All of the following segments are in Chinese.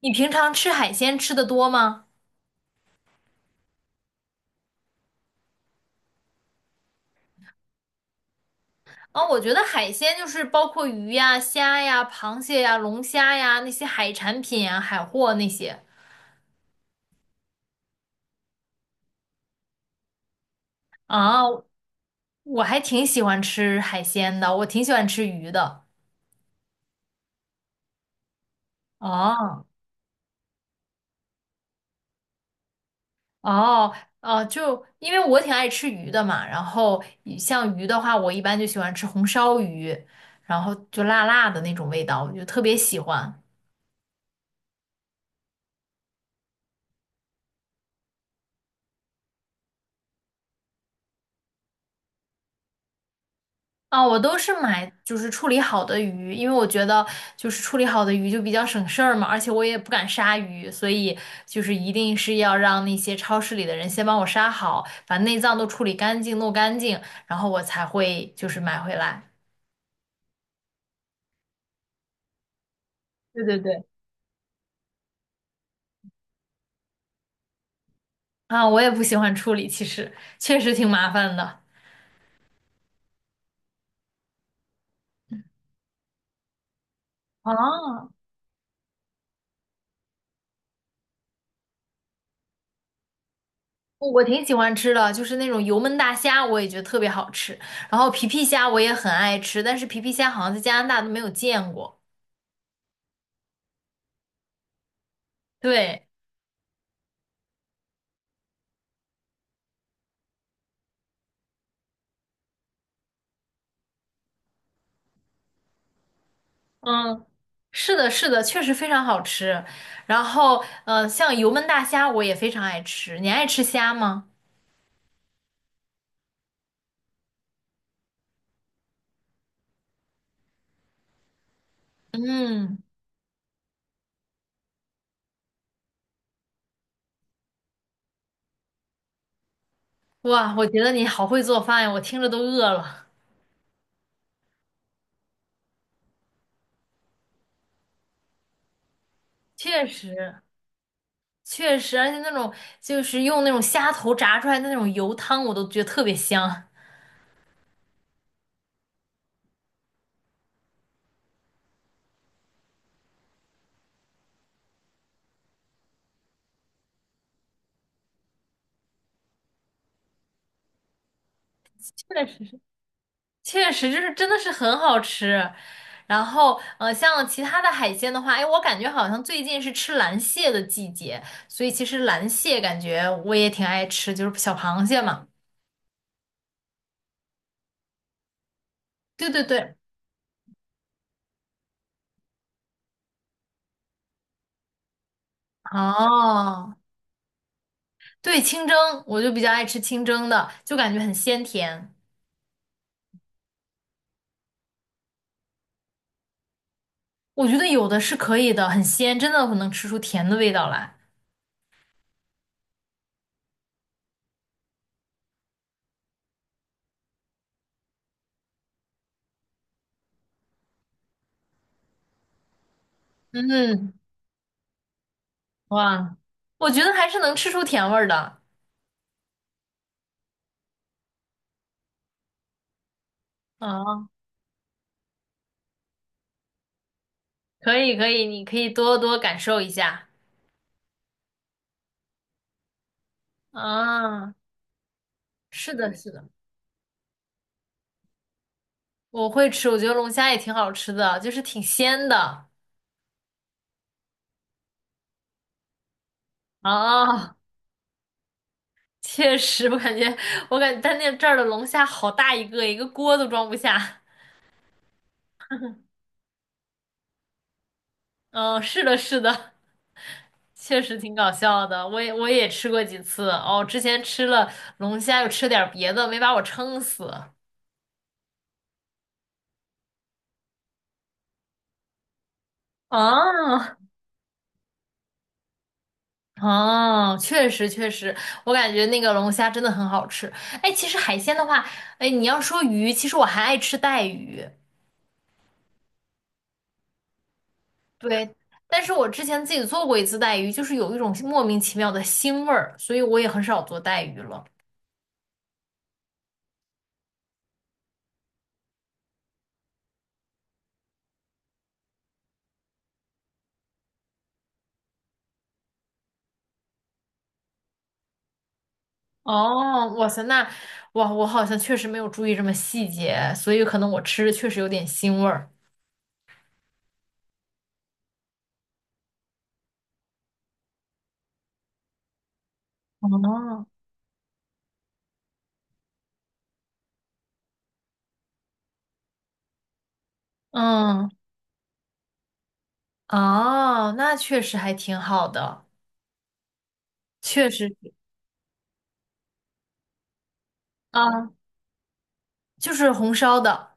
你平常吃海鲜吃的多吗？啊，我觉得海鲜就是包括鱼呀、虾呀、螃蟹呀、龙虾呀那些海产品呀、海货那些。啊，我还挺喜欢吃海鲜的，我挺喜欢吃鱼的。哦哦哦，就因为我挺爱吃鱼的嘛，然后像鱼的话，我一般就喜欢吃红烧鱼，然后就辣辣的那种味道，我就特别喜欢。啊，我都是买就是处理好的鱼，因为我觉得就是处理好的鱼就比较省事儿嘛，而且我也不敢杀鱼，所以就是一定是要让那些超市里的人先帮我杀好，把内脏都处理干净、弄干净，然后我才会就是买回来。对对对。啊，我也不喜欢处理，其实确实挺麻烦的。啊，我挺喜欢吃的，就是那种油焖大虾，我也觉得特别好吃。然后皮皮虾我也很爱吃，但是皮皮虾好像在加拿大都没有见过。对。嗯，是的，是的，确实非常好吃。然后，像油焖大虾我也非常爱吃。你爱吃虾吗？嗯，哇，我觉得你好会做饭呀，我听着都饿了。确实，确实，而且那种就是用那种虾头炸出来的那种油汤，我都觉得特别香。确实是。确实，就是真的是很好吃。然后，像其他的海鲜的话，哎，我感觉好像最近是吃蓝蟹的季节，所以其实蓝蟹感觉我也挺爱吃，就是小螃蟹嘛。对对对，哦，对，清蒸，我就比较爱吃清蒸的，就感觉很鲜甜。我觉得有的是可以的，很鲜，真的能吃出甜的味道来。嗯，哇，我觉得还是能吃出甜味儿的。哦，可以可以，你可以多多感受一下。啊，是的，是的，我会吃，我觉得龙虾也挺好吃的，就是挺鲜的啊。确实，我感觉，我感觉但那这儿的龙虾好大一个，一个锅都装不下。嗯，是的，是的，确实挺搞笑的。我也吃过几次哦，之前吃了龙虾，又吃点儿别的，没把我撑死。哦哦，确实确实，我感觉那个龙虾真的很好吃。哎，其实海鲜的话，哎，你要说鱼，其实我还爱吃带鱼。对，但是我之前自己做过一次带鱼，就是有一种莫名其妙的腥味儿，所以我也很少做带鱼了。哦，哇塞，那哇，我好像确实没有注意这么细节，所以可能我吃着确实有点腥味儿。哦，嗯，哦，那确实还挺好的，确实是啊，就是红烧的。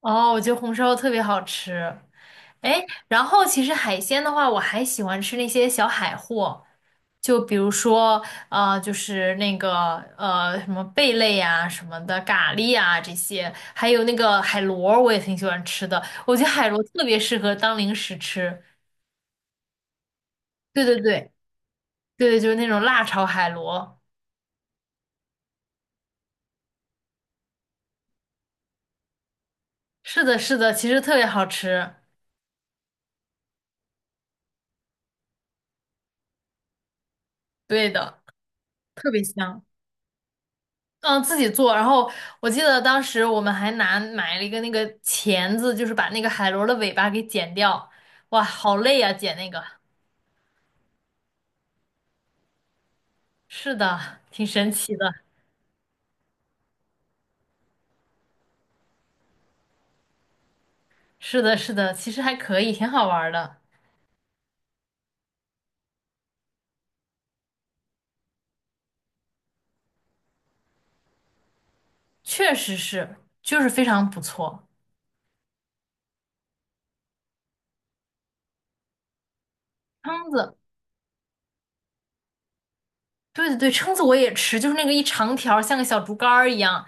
哦，我觉得红烧特别好吃。哎，然后其实海鲜的话，我还喜欢吃那些小海货，就比如说就是那个什么贝类呀、什么的，蛤蜊呀、这些，还有那个海螺儿，我也挺喜欢吃的。我觉得海螺特别适合当零食吃。对对对对，就是那种辣炒海螺。是的，是的，其实特别好吃。对的，特别香。嗯，自己做。然后我记得当时我们还拿买了一个那个钳子，就是把那个海螺的尾巴给剪掉。哇，好累呀，剪那个。是的，挺神奇的。是的，是的，其实还可以，挺好玩儿的。确实是，就是非常不错。蛏子，对对对，蛏子我也吃，就是那个一长条儿像个小竹竿儿一样。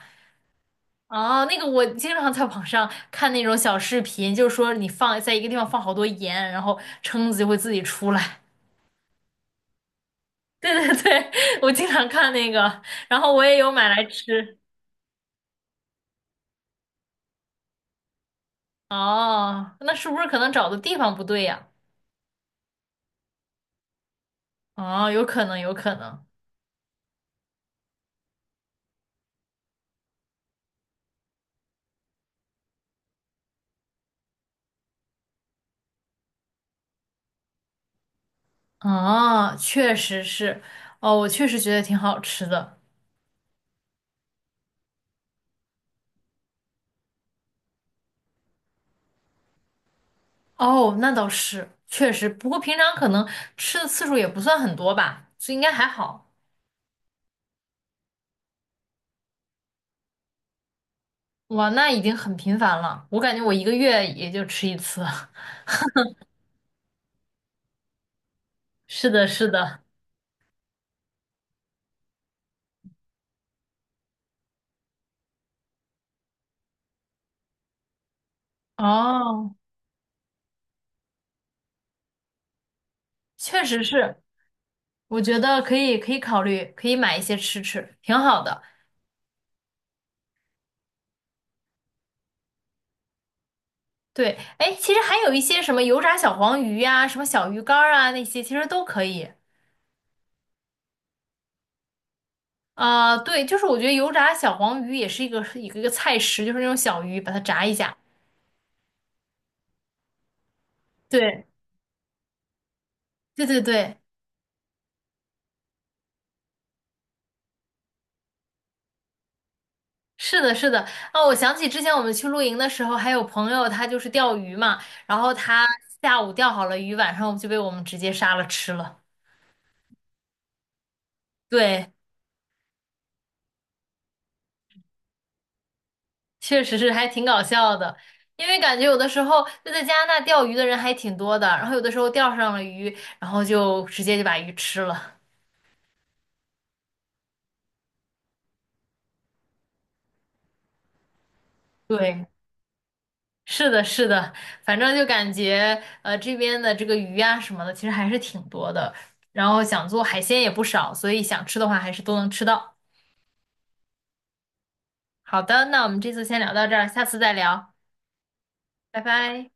啊，那个我经常在网上看那种小视频，就是说你放在一个地方放好多盐，然后蛏子就会自己出来。对对对，我经常看那个，然后我也有买来吃。哦，那是不是可能找的地方不对呀？哦，有可能，有可能。哦，确实是。哦，我确实觉得挺好吃的。哦，那倒是，确实。不过平常可能吃的次数也不算很多吧，所以应该还好。哇，那已经很频繁了。我感觉我一个月也就吃一次。是的，是的。哦，确实是。我觉得可以，可以考虑，可以买一些吃吃，挺好的。对，哎，其实还有一些什么油炸小黄鱼呀、什么小鱼干儿啊那些，其实都可以。啊、对，就是我觉得油炸小黄鱼也是一个菜食，就是那种小鱼，把它炸一下。对，对对对，是的，是的。哦，我想起之前我们去露营的时候，还有朋友他就是钓鱼嘛，然后他下午钓好了鱼，晚上就被我们直接杀了吃了。对，确实是还挺搞笑的，因为感觉有的时候就在加拿大钓鱼的人还挺多的，然后有的时候钓上了鱼，然后就直接就把鱼吃了。对，是的，是的，反正就感觉这边的这个鱼啊什么的，其实还是挺多的，然后想做海鲜也不少，所以想吃的话还是都能吃到。好的，那我们这次先聊到这儿，下次再聊，拜拜。